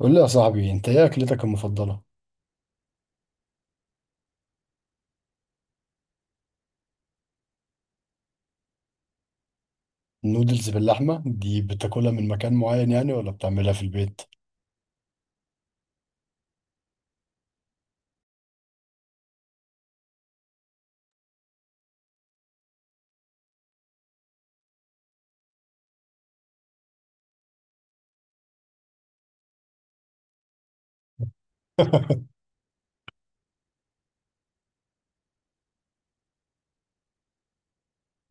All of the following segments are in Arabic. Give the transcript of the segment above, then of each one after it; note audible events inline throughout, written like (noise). قول لي يا صاحبي، انت ايه اكلتك المفضله؟ النودلز باللحمه دي بتاكلها من مكان معين يعني ولا بتعملها في البيت؟ (laughs)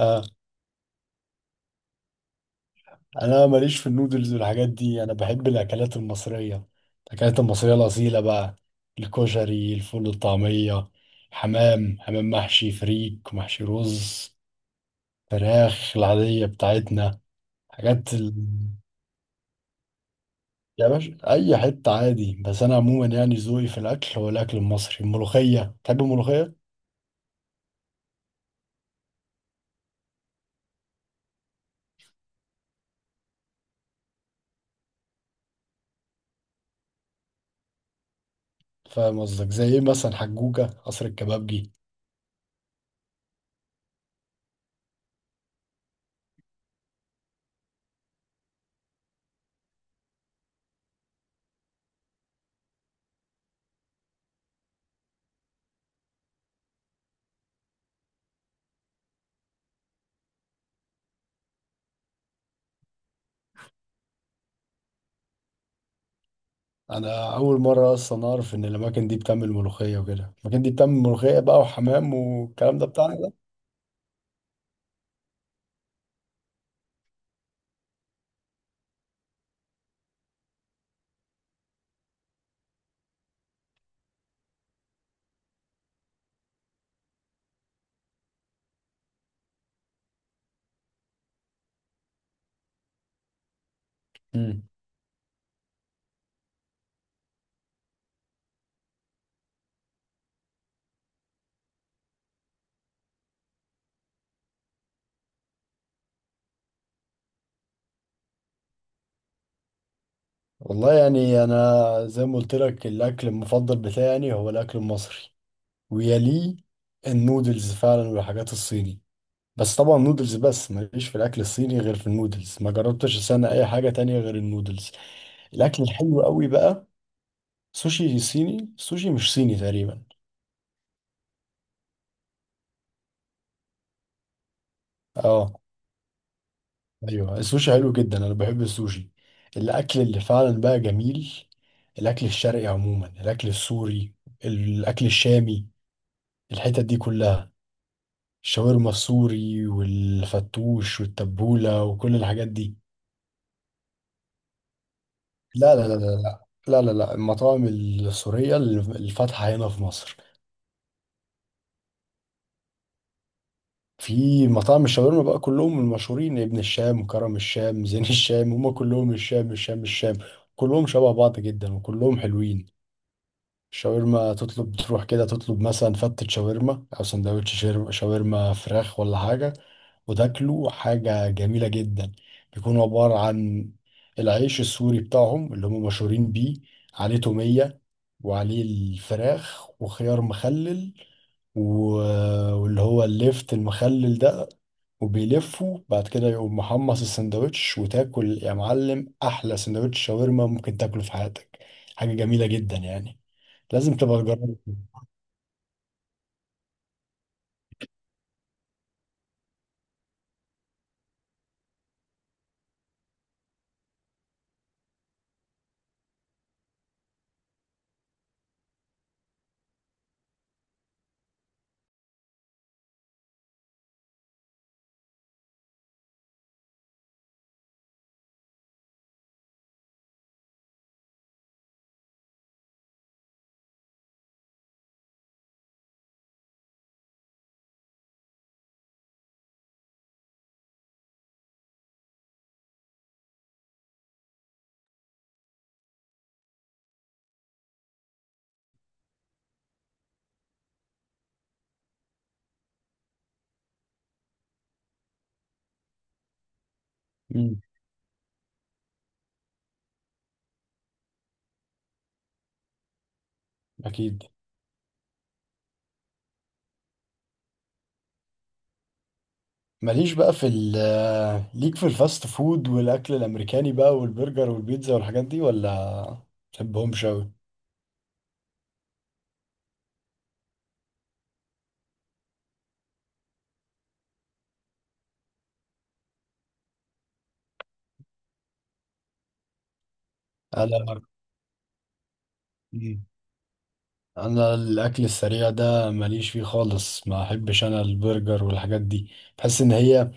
آه. انا ماليش في النودلز والحاجات دي، انا بحب الاكلات المصريه، الاكلات المصريه الاصيله بقى: الكشري، الفول، الطعميه، حمام، حمام محشي، فريك محشي، رز، فراخ العاديه بتاعتنا، حاجات. يا باشا اي حته عادي، بس انا عموما يعني ذوقي في الاكل هو الاكل المصري. الملوخيه، تحب الملوخيه؟ فاهم قصدك، زي ايه مثلا؟ حجوجة قصر الكبابجي؟ انا اول مرة اصلا اعرف ان الاماكن دي بتعمل ملوخية وكده، الاماكن دي بتعمل ملوخية بقى وحمام والكلام ده بتاعنا ده؟ امم والله يعني انا زي ما قلت لك الاكل المفضل بتاعي يعني هو الاكل المصري، ويليه النودلز فعلا والحاجات الصيني. بس طبعا نودلز بس، ماليش في الاكل الصيني غير في النودلز، ما جربتش السنة اي حاجة تانية غير النودلز. الاكل الحلو قوي بقى سوشي صيني، سوشي مش صيني تقريبا. اه، ايوه السوشي حلو جدا، انا بحب السوشي. الاكل اللي فعلا بقى جميل، الاكل الشرقي عموما، الاكل السوري، الاكل الشامي، الحتت دي كلها، الشاورما السوري والفتوش والتبولة وكل الحاجات دي. لا لا لا لا، لا لا لا لا. المطاعم السورية اللي فاتحة هنا في مصر، في مطاعم الشاورما بقى، كلهم المشهورين: ابن الشام، كرم الشام، زين الشام، هما كلهم الشام الشام الشام، كلهم شبه بعض جدا وكلهم حلوين. شاورما تطلب، تروح كده تطلب مثلا فتة شاورما أو سندوتش شاورما فراخ ولا حاجة، وتاكله حاجة جميلة جدا. بيكون عبارة عن العيش السوري بتاعهم اللي هم مشهورين بيه، عليه تومية، وعليه الفراخ وخيار مخلل واللي هو الليفت المخلل ده، وبيلفه بعد كده، يقوم محمص السندوتش، وتاكل يا معلم احلى سندوتش شاورما ممكن تاكله في حياتك. حاجه جميله جدا يعني، لازم تبقى تجربه. مم. اكيد. ماليش بقى في ال آه، ليك في الفاست فود والاكل الامريكاني بقى، والبرجر والبيتزا والحاجات دي، ولا تحبهمش اوي؟ انا مم. انا الاكل السريع ده ماليش فيه خالص، ما احبش انا البرجر والحاجات دي، بحس ان هي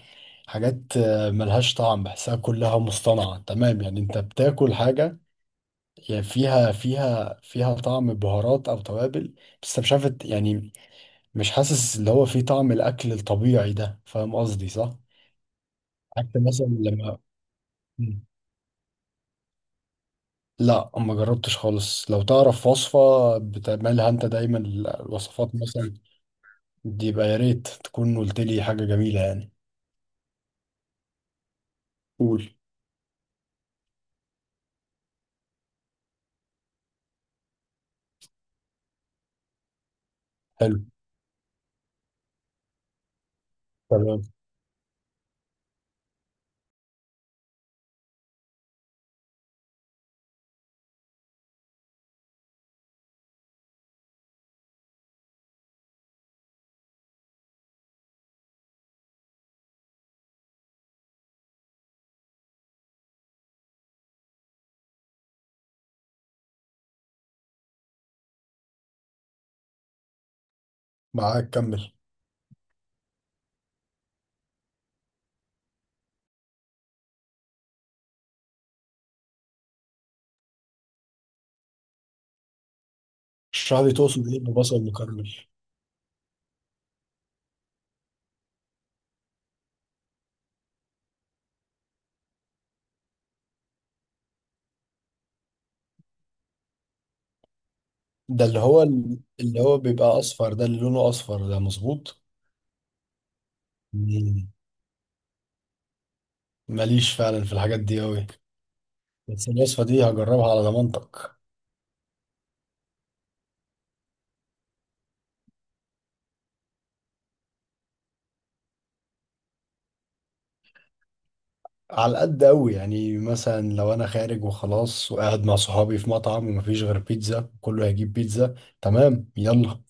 حاجات، ملهاش طعم، بحسها كلها مصطنعة تمام. يعني انت بتاكل حاجة، يعني فيها طعم بهارات او توابل، بس انت مش عارف يعني، مش حاسس اللي هو فيه طعم الاكل الطبيعي ده. فاهم قصدي صح؟ عكس مثلا لما. مم. لا، ما جربتش خالص. لو تعرف وصفة بتعملها انت دايما، الوصفات مثلا دي، يبقى يا ريت تكون قلت لي حاجة جميلة يعني. قول. حلو. تمام. معاك، كمل. اشرح لي، تقصد ايه ببصل مكرمل؟ ده اللي هو بيبقى اصفر ده؟ اللي لونه اصفر ده، مظبوط. مم. ماليش فعلا في الحاجات دي قوي، بس الوصفه دي هجربها على ضمانتك. على قد قوي، يعني مثلا لو انا خارج وخلاص وقاعد مع صحابي في مطعم ومفيش غير بيتزا، كله هيجيب بيتزا. تمام، يلا.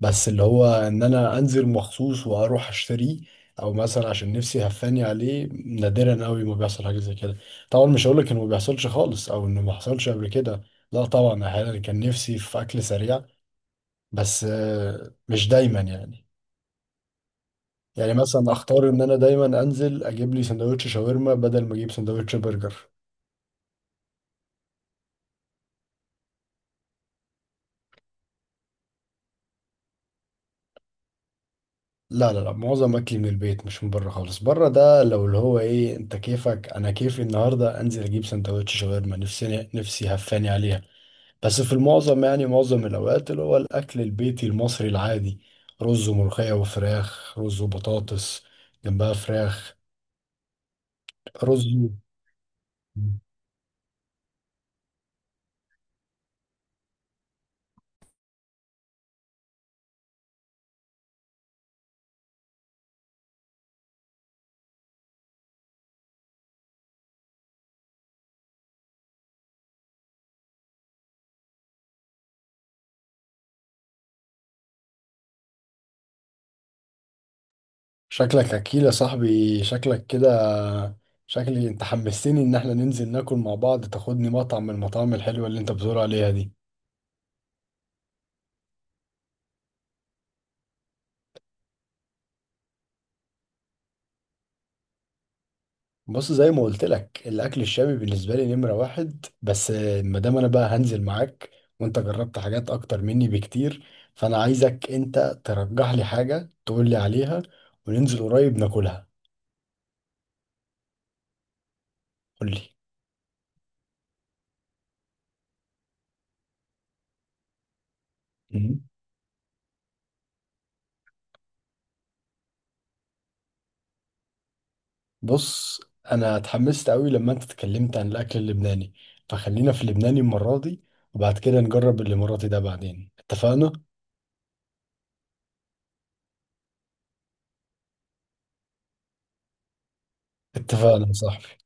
بس اللي هو ان انا انزل مخصوص واروح اشتريه، او مثلا عشان نفسي هفاني عليه، نادرا قوي ما بيحصل حاجه زي كده. طبعا مش هقول لك انه ما بيحصلش خالص او انه ما حصلش قبل كده، لا طبعا، احيانا كان نفسي في اكل سريع، بس، مش دايما يعني. يعني مثلا اختار ان انا دايما انزل اجيب لي سندوتش شاورما بدل ما اجيب سندوتش برجر. لا لا لا، معظم اكلي من البيت، مش من بره خالص. بره ده لو اللي هو ايه، انت كيفك انا كيفي، النهارده انزل اجيب سندوتش شاورما، نفسي نفسي هفاني عليها. بس في المعظم يعني معظم الأوقات اللي هو الأكل البيتي المصري العادي: رز وملوخية وفراخ، رز وبطاطس جنبها فراخ، رز. شكلك أكيل يا صاحبي، شكلك كده. شكلي أنت حمستني إن احنا ننزل ناكل مع بعض، تاخدني مطعم من المطاعم الحلوة اللي أنت بتقول عليها دي. بص زي ما قلت لك، الاكل الشامي بالنسبه لي نمره واحد. بس ما دام انا بقى هنزل معاك، وانت جربت حاجات اكتر مني بكتير، فانا عايزك انت ترجح لي حاجه تقول لي عليها وننزل قريب ناكلها. قول لي. مم. بص، انا اتحمست قوي لما انت اتكلمت عن الاكل اللبناني، فخلينا في اللبناني المره دي، وبعد كده نجرب الاماراتي ده بعدين. اتفقنا؟ اتفقنا يا صاحبي.